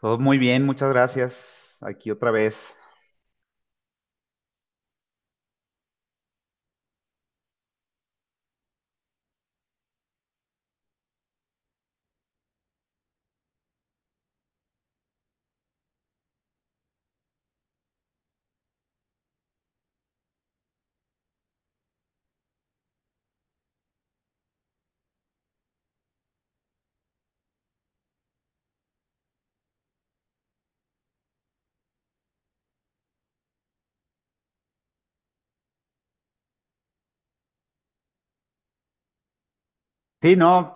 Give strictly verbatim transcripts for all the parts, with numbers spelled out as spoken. Todo muy bien, muchas gracias. Aquí otra vez. Sí, no,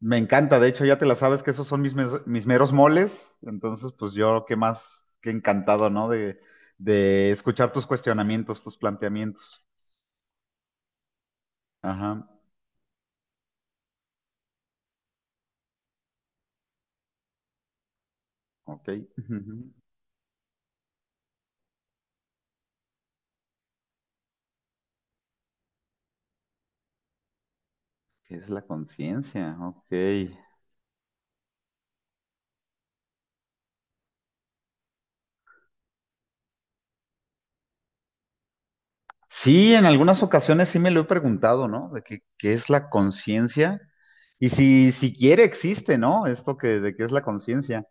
me encanta. De hecho, ya te la sabes que esos son mis, mes- mis meros moles. Entonces, pues yo qué más que encantado, ¿no? De, de escuchar tus cuestionamientos, tus planteamientos. Ajá, ok. Ujú. ¿Qué es la conciencia? Ok. Sí, en algunas ocasiones sí me lo he preguntado, ¿no? De qué, qué es la conciencia. Y si siquiera existe, ¿no? Esto que, de qué es la conciencia.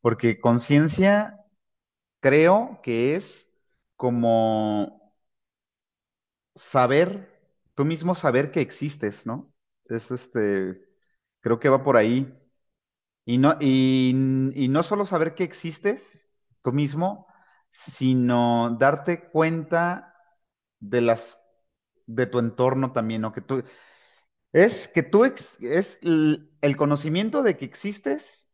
Porque conciencia creo que es como saber, tú mismo saber que existes, ¿no? Es este, creo que va por ahí. Y no, y, y no solo saber que existes tú mismo, sino darte cuenta de las, de tu entorno también, ¿no? Que tú, es que tú, ex- es l- El conocimiento de que existes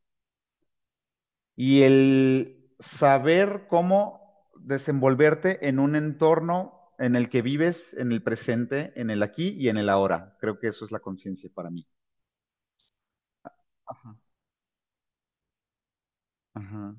y el saber cómo desenvolverte en un entorno en el que vives, en el presente, en el aquí y en el ahora. Creo que eso es la conciencia para mí. Ajá. Ajá.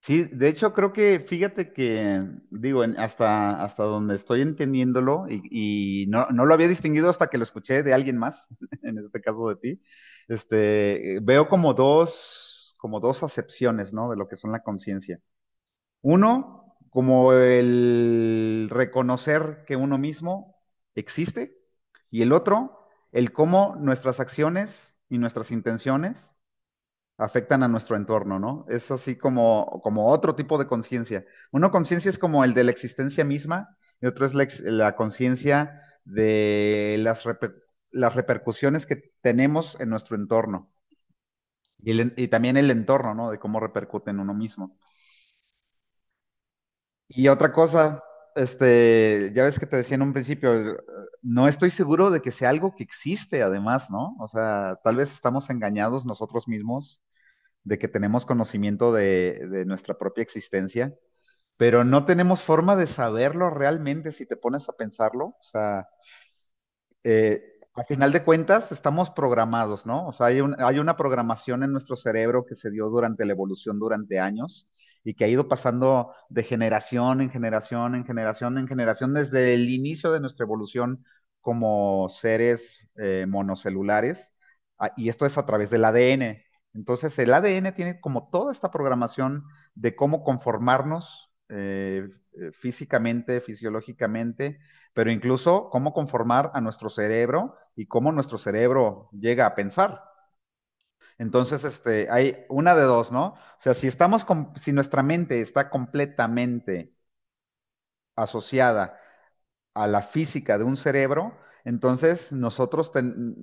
Sí, de hecho creo que, fíjate que, digo, en- hasta, hasta, donde estoy entendiéndolo, y, y no, no lo había distinguido hasta que lo escuché de alguien más, en este caso de ti, este, veo como dos, como dos acepciones, ¿no? De lo que son la conciencia. Uno, como el reconocer que uno mismo existe. Y el otro, el cómo nuestras acciones y nuestras intenciones afectan a nuestro entorno, ¿no? Es así como, como otro tipo de conciencia. Una conciencia es como el de la existencia misma y otro es la, ex- la conciencia de las, reper- las repercusiones que tenemos en nuestro entorno y, el en- y también el entorno, ¿no? De cómo repercute en uno mismo. Y otra cosa, este, ya ves que te decía en un principio, eh, no estoy seguro de que sea algo que existe además, ¿no? O sea, tal vez estamos engañados nosotros mismos de que tenemos conocimiento de, de nuestra propia existencia, pero no tenemos forma de saberlo realmente si te pones a pensarlo. O sea, eh, a final de cuentas estamos programados, ¿no? O sea, hay, un- hay una programación en nuestro cerebro que se dio durante la evolución durante años y que ha ido pasando de generación en generación, en generación, en generación, desde el inicio de nuestra evolución como seres eh, monocelulares, a- y esto es a través del A D N. Entonces, el A D N tiene como toda esta programación de cómo conformarnos eh, eh, físicamente, fisiológicamente, pero incluso cómo conformar a nuestro cerebro y cómo nuestro cerebro llega a pensar. Entonces, este, hay una de dos, ¿no? O sea, si estamos, com- si nuestra mente está completamente asociada a la física de un cerebro, entonces nosotros, ten-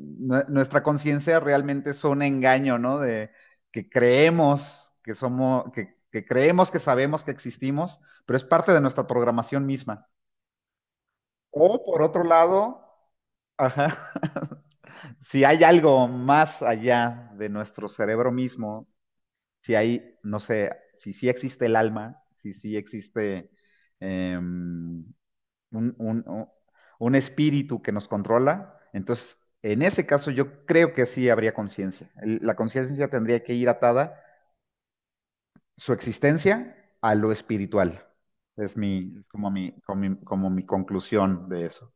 nuestra conciencia realmente es un engaño, ¿no? De que creemos que somos, que, que creemos que sabemos que existimos, pero es parte de nuestra programación misma. O por otro lado, ajá, si hay algo más allá de nuestro cerebro mismo, si hay, no sé, si sí existe el alma, si sí existe eh, un, un, un espíritu que nos controla, entonces en ese caso yo creo que sí habría conciencia. El- La conciencia tendría que ir atada su existencia a lo espiritual. Es mi, como mi, como mi, como mi conclusión de eso.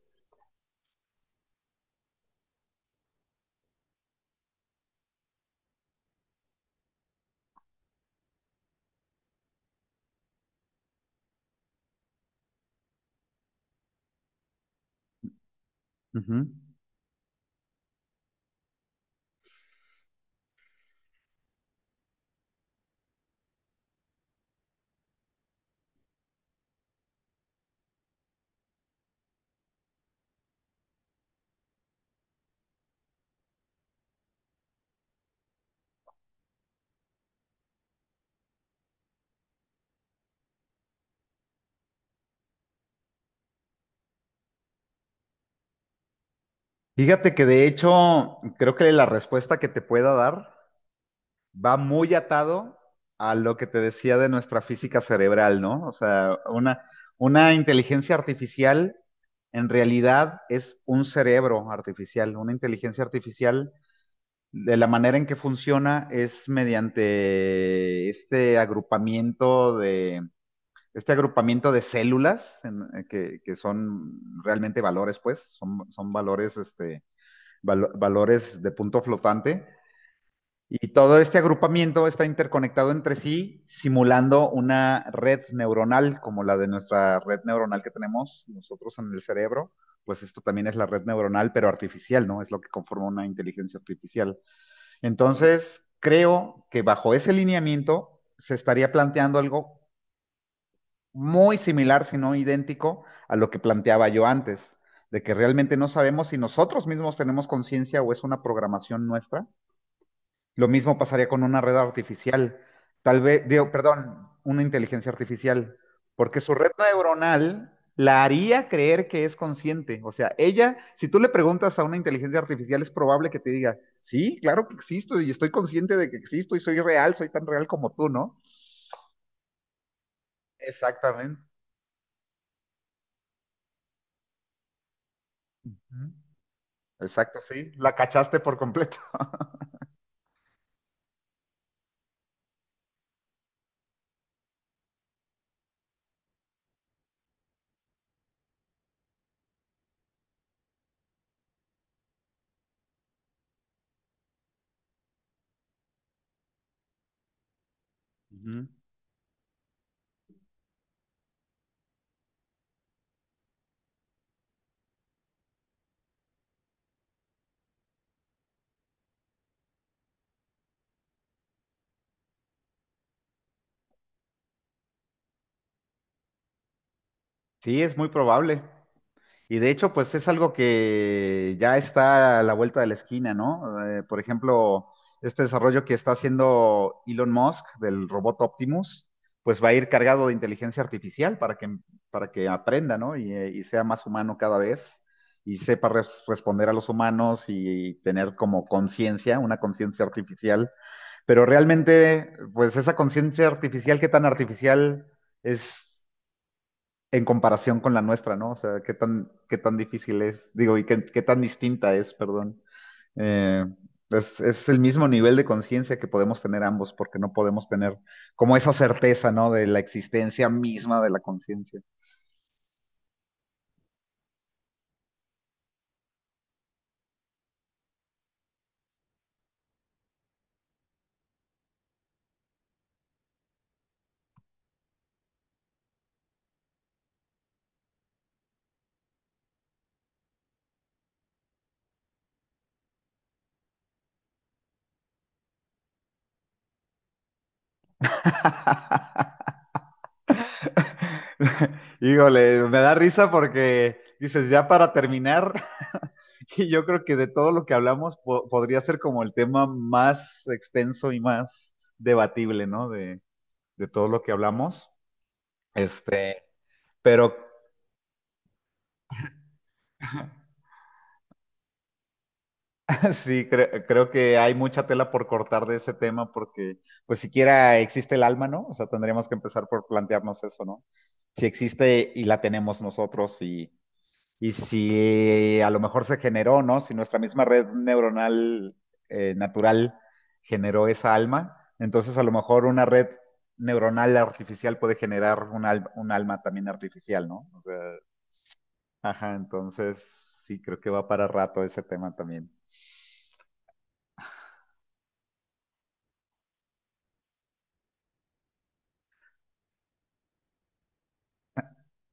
Ujú. Fíjate que de hecho creo que la respuesta que te pueda dar va muy atado a lo que te decía de nuestra física cerebral, ¿no? O sea, una, una inteligencia artificial en realidad es un cerebro artificial. Una inteligencia artificial, de la manera en que funciona, es mediante este agrupamiento de, este agrupamiento de células en- eh, que, que son realmente valores, pues, son, son valores, este, valo- valores de punto flotante y todo este agrupamiento está interconectado entre sí, simulando una red neuronal como la de nuestra red neuronal que tenemos nosotros en el cerebro. Pues esto también es la red neuronal, pero artificial, ¿no? Es lo que conforma una inteligencia artificial. Entonces, creo que bajo ese lineamiento se estaría planteando algo muy similar, si no idéntico, a lo que planteaba yo antes, de que realmente no sabemos si nosotros mismos tenemos conciencia o es una programación nuestra. Lo mismo pasaría con una red artificial, tal vez, digo, perdón, una inteligencia artificial, porque su red neuronal la haría creer que es consciente. O sea, ella, si tú le preguntas a una inteligencia artificial, es probable que te diga, sí, claro que existo y estoy consciente de que existo y soy real, soy tan real como tú, ¿no? Exactamente. Ujú. Exacto, sí, la cachaste por completo. Ujú. Sí, es muy probable. Y de hecho, pues es algo que ya está a la vuelta de la esquina, ¿no? Eh, por ejemplo, este desarrollo que está haciendo Elon Musk del robot Optimus, pues va a ir cargado de inteligencia artificial para que, para que aprenda, ¿no? Y, eh, y sea más humano cada vez y sepa res- responder a los humanos y tener como conciencia, una conciencia artificial. Pero realmente, pues esa conciencia artificial, ¿qué tan artificial es? En comparación con la nuestra, ¿no? O sea, qué tan, qué tan difícil es, digo, y qué, qué tan distinta es, perdón. Eh, es, es el mismo nivel de conciencia que podemos tener ambos, porque no podemos tener como esa certeza, ¿no? De la existencia misma de la conciencia. Híjole, me da risa porque dices, ya para terminar, y yo creo que de todo lo que hablamos po- podría ser como el tema más extenso y más debatible, ¿no? De, de todo lo que hablamos. Este, pero sí, cre- creo que hay mucha tela por cortar de ese tema porque, pues siquiera existe el alma, ¿no? O sea, tendríamos que empezar por plantearnos eso, ¿no? Si existe y la tenemos nosotros y, y si a lo mejor se generó, ¿no? Si nuestra misma red neuronal eh, natural generó esa alma, entonces a lo mejor una red neuronal artificial puede generar un, al- un alma también artificial, ¿no? O sea, ajá, entonces sí, creo que va para rato ese tema también.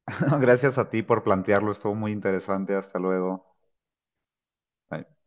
Gracias a ti por plantearlo, estuvo muy interesante. Hasta luego. Bye.